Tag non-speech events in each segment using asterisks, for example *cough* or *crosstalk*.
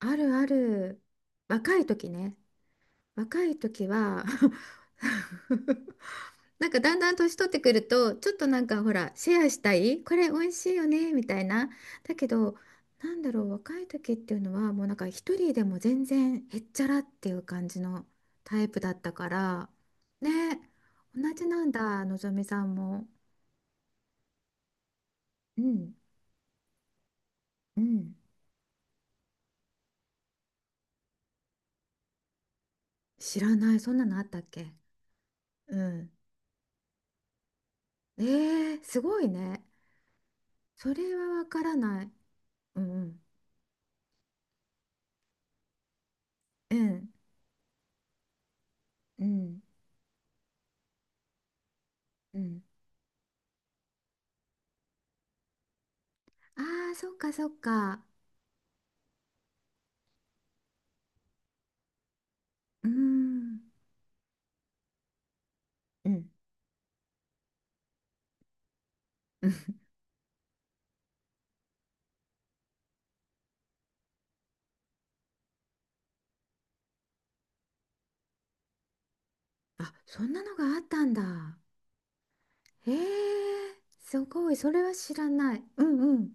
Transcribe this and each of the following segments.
あるある。若い時ね。若い時は *laughs* なんかだんだん年取ってくると、ちょっとなんかほら、シェアしたい、これ美味しいよね、みたいな。だけど、なんだろう、若い時っていうのは、もうなんか一人でも全然へっちゃらっていう感じのタイプだったから、ね、同じなんだ、のぞみさんも。うん、うん。知らない、そんなのあったっけ？うん。えー、すごいね。それはわからない。うん。うん。うん。うん。ああー、そっかそっか。うーん。うん。うん。 *laughs* あ、そんなのがあったんだ。へえ、すごい。それは知らない。うん。うん。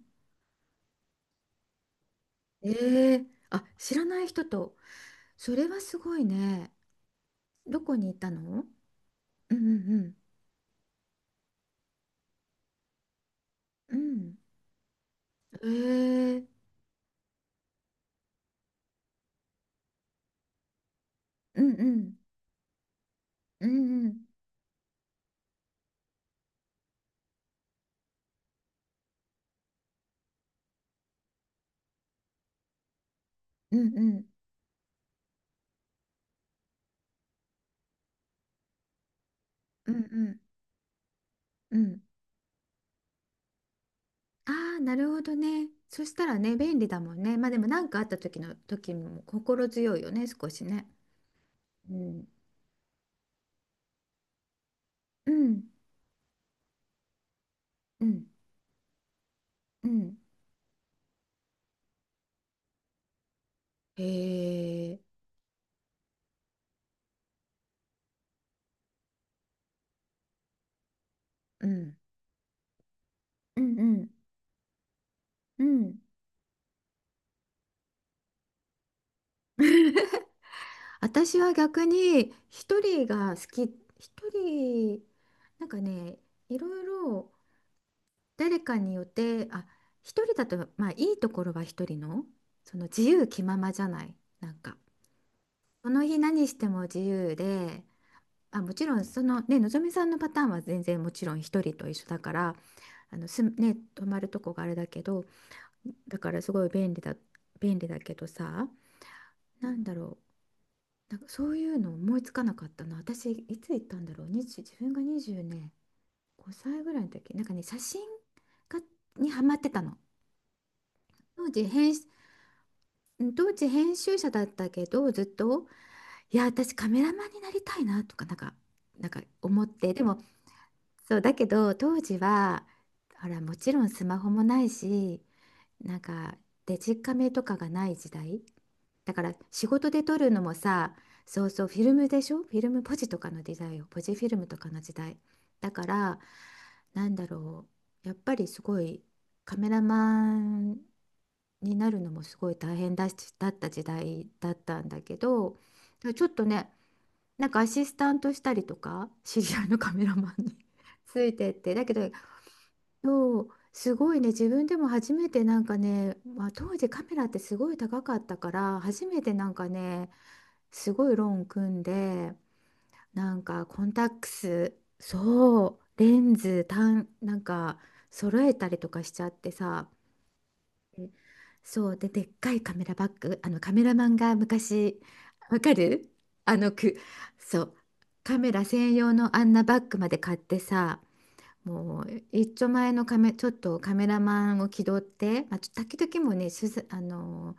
ええ、あ、知らない人と。それはすごいね。どこに行ったの？うん。うん。うん。うん。ええ。うん。うん。うん。うん。うん。うん。うん。うん。うん。ああ、なるほどね。そしたらね、便利だもんね。まあでも何かあった時の時も心強いよね、少しね。うん。うん。うん。うん。へえ。うん。うんうんうん。*laughs* 私は逆に一人が好き、一人、なんかね、いろいろ誰かによって、あ、一人だと、まあいいところは一人の、その自由気ままじゃない、なんか。その日何しても自由で、あ、もちろんそのね、のぞみさんのパターンは全然もちろん一人と一緒だから、あのすね、泊まるとこがあれだけど、だからすごい便利だ、便利だけどさ、なんだろう、なんかそういうの思いつかなかったな。私、いつ行ったんだろう、2自分が20ね、5歳ぐらいの時、なんかね、写真がにハマってたの。当時編集、うん当時編集者だったけど、ずっと、いや、私カメラマンになりたいなとか、なんか思って、でも、そうだけど当時はほらもちろんスマホもないしなんかデジカメとかがない時代だから仕事で撮るのもさ、そうそうフィルムでしょ、フィルムポジとかの時代よ、ポジフィルムとかの時代だから、なんだろう、やっぱりすごいカメラマンになるのもすごい大変だし、だった時代だったんだけど、ちょっとね、なんかアシスタントしたりとか知り合いのカメラマンに *laughs* ついてってだけど、そう、すごいね、自分でも初めてなんかね、まあ、当時カメラってすごい高かったから、初めてなんかね、すごいローン組んで、なんかコンタックス、そう、レンズ、単、なんか揃えたりとかしちゃってさ、で、そうで、でっかいカメラバッグ、あのカメラマンが昔、わかる、あのく、そう、カメラ専用のあんなバッグまで買ってさ、もう一丁前のカメ、ちょっとカメラマンを気取って、まあ、ちょ時々もね、取材あの、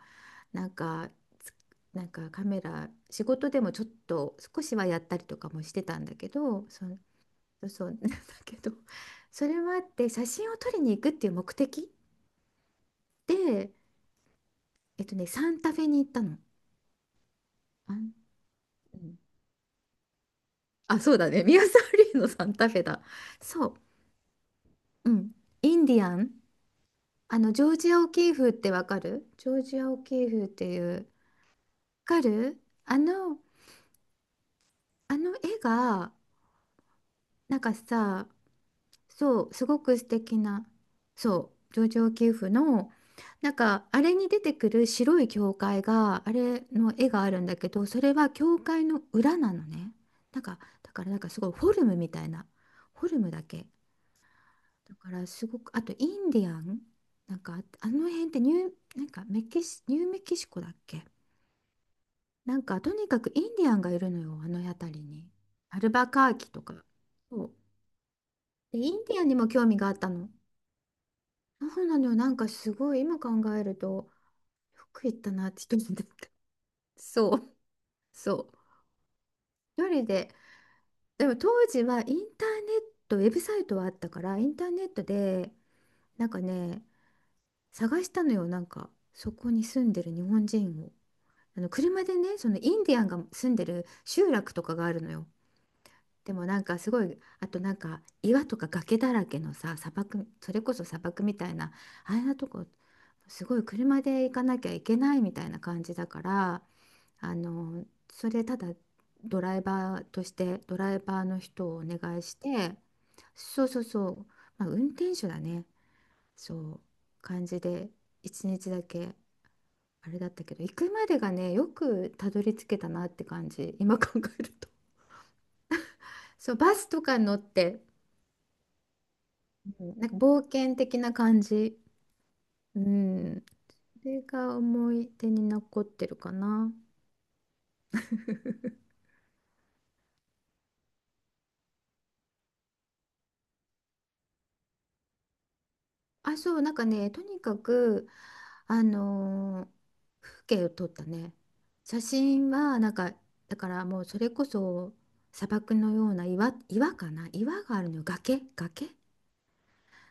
なんか、つ、なんかカメラ、仕事でもちょっと少しはやったりとかもしてたんだけど、そ、そう、そう *laughs* なんだけど、それはあって写真を撮りに行くっていう目的で、えっとね、サンタフェに行ったの。あん、うん、あ、そうだね、*laughs* ミ沢サリーのサンタフェだ。そう、うん、インディアン。あのジョージア・オキーフってわかる？ジョージア・オキーフっていうかる、あの、あの絵が、なんかさ、そう、すごく素敵な、そう、上場給付の、なんか、あれに出てくる白い教会が、あれの絵があるんだけど、それは教会の裏なのね。なんか、だからなんかすごいフォルムみたいな、フォルムだけ。だからすごく、あとインディアン、なんか、あの辺ってニュー、なんかメキシ、ニューメキシコだっけ？なんかとにかくインディアンがいるのよ、あの辺りに。アルバカーキとか。そう。で、インディアンにも興味があったの。そうなのよ、なんかすごい今考えると、よく行ったなって一人で思った。*laughs* そう、そう。一人で。でも当時はインターネット、ウェブサイトはあったから、インターネットで、なんかね、探したのよ、なんか、そこに住んでる日本人を。あの車でね、そのインディアンが住んでる集落とかがあるのよ。でもなんかすごい、あとなんか岩とか崖だらけのさ、砂漠、それこそ砂漠みたいなあんなとこ、すごい車で行かなきゃいけないみたいな感じだから、あの、それただドライバーとしてドライバーの人をお願いして、そうそうそう、まあ、運転手だね、そう感じで1日だけあれだったけど、行くまでがね、よくたどり着けたなって感じ、今考えると。そうバスとかに乗って、なんか冒険的な感じ。うん。それが思い出に残ってるかな。*laughs* あ、そう、なんかね、とにかく、あのー風景を撮ったね。写真は、なんか、だからもうそれこそ砂漠のような岩、岩かな、岩があるのよ。崖、崖、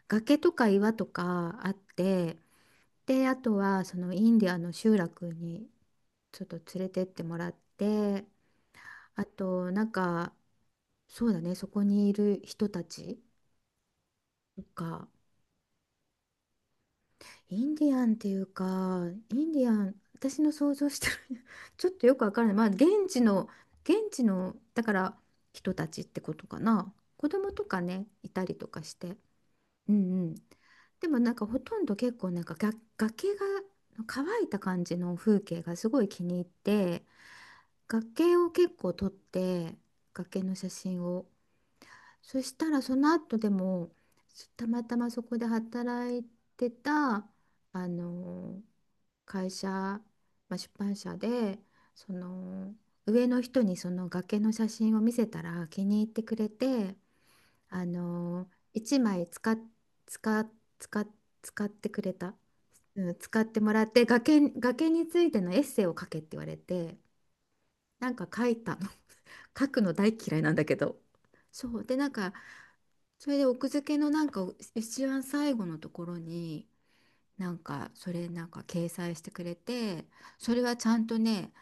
崖とか岩とかあって、で、あとはそのインディアの集落にちょっと連れてってもらって、あと、なんか、そうだね、そこにいる人たちが、インディアンっていうか、インディアン、私の想像してる *laughs* ちょっとよくわからない。まあ、現地の、現地の、だから人たちってことかな。子供とかね、いたりとかして。うん、うん。でもなんかほとんど結構なんかが崖が乾いた感じの風景がすごい気に入って、崖を結構撮って、崖の写真を。そしたらその後でも、すたまたまそこで働いてた、あの会社、まあ、出版社でその上の人にその崖の写真を見せたら気に入ってくれて、あの1枚使っ、使っ、使っ、てくれた、うん、使ってもらって、崖、崖についてのエッセイを書けって言われて、なんか書いたの。 *laughs* 書くの大嫌いなんだけど、そうで、なんか、それで奥付けのなんか一番最後のところに、なんかそれなんか掲載してくれて、それはちゃんとね、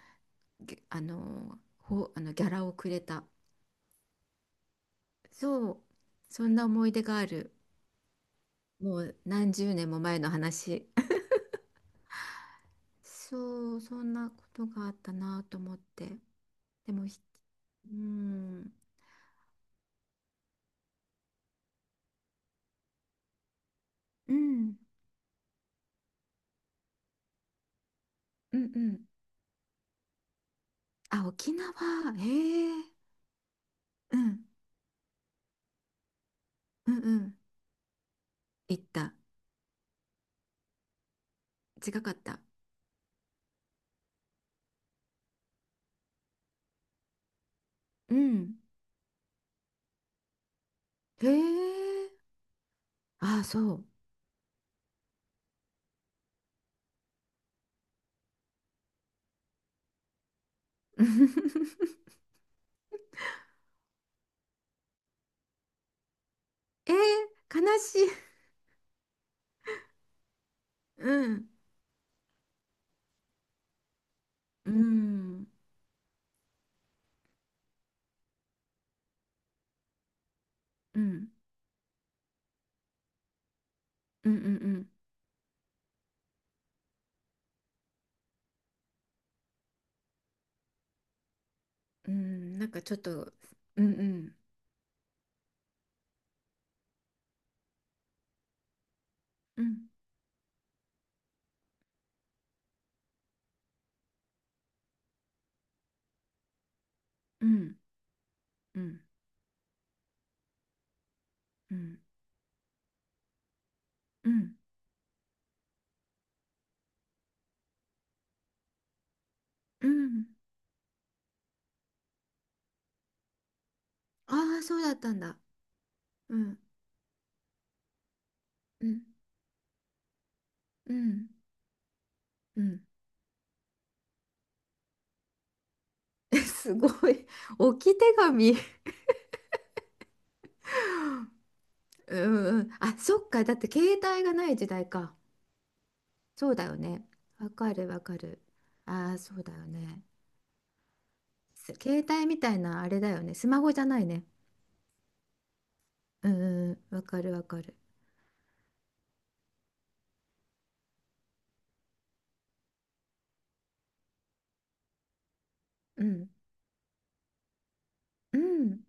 ぎあのほあのギャラをくれた。そう、そんな思い出がある。もう何十年も前の話。 *laughs* そう、そんなことがあったなと思って。でもひ、うん。うん。うん。うん。あ、沖縄、へえ。うん。うん。うん。行った？違かった？うん。へえ。ああ、そう。*laughs* えー、悲しい。うん。うん。うん。うん。うん。うん。うん。なんかちょっと、うん、うん。うん。うん。うん。うん。うん。ああー、そうだったんだ。うん。うん。うん。うん。*laughs* え、すごい。*laughs* 置き手紙。*laughs* うん、うん。あ、そっか。だって携帯がない時代か。そうだよね。わかる、わかる。ああ、そうだよね。す携帯みたいなあれだよね。スマホじゃないね。うん、うん、うん。わかる、わかる。うん。うん。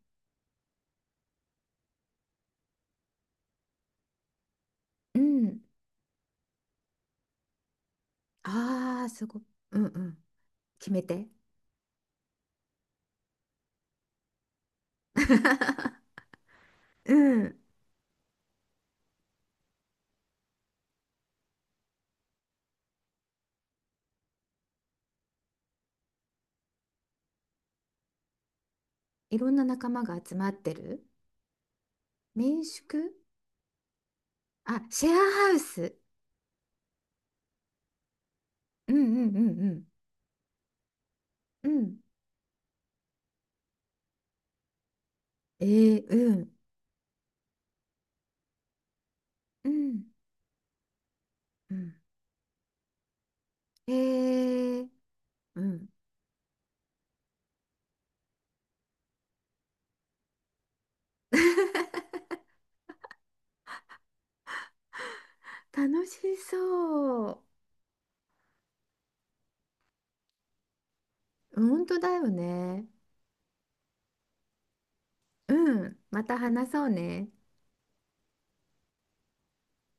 うん。ああ、すごい。うん、うん。決めて。*laughs* うん。いろんな仲間が集まってる。民宿。あ、シェアハウス。うん、うん、うん、うん。うん。えー、うん。うん。うん。えー、うん。楽しそう。本当だよね。うん。また話そうね。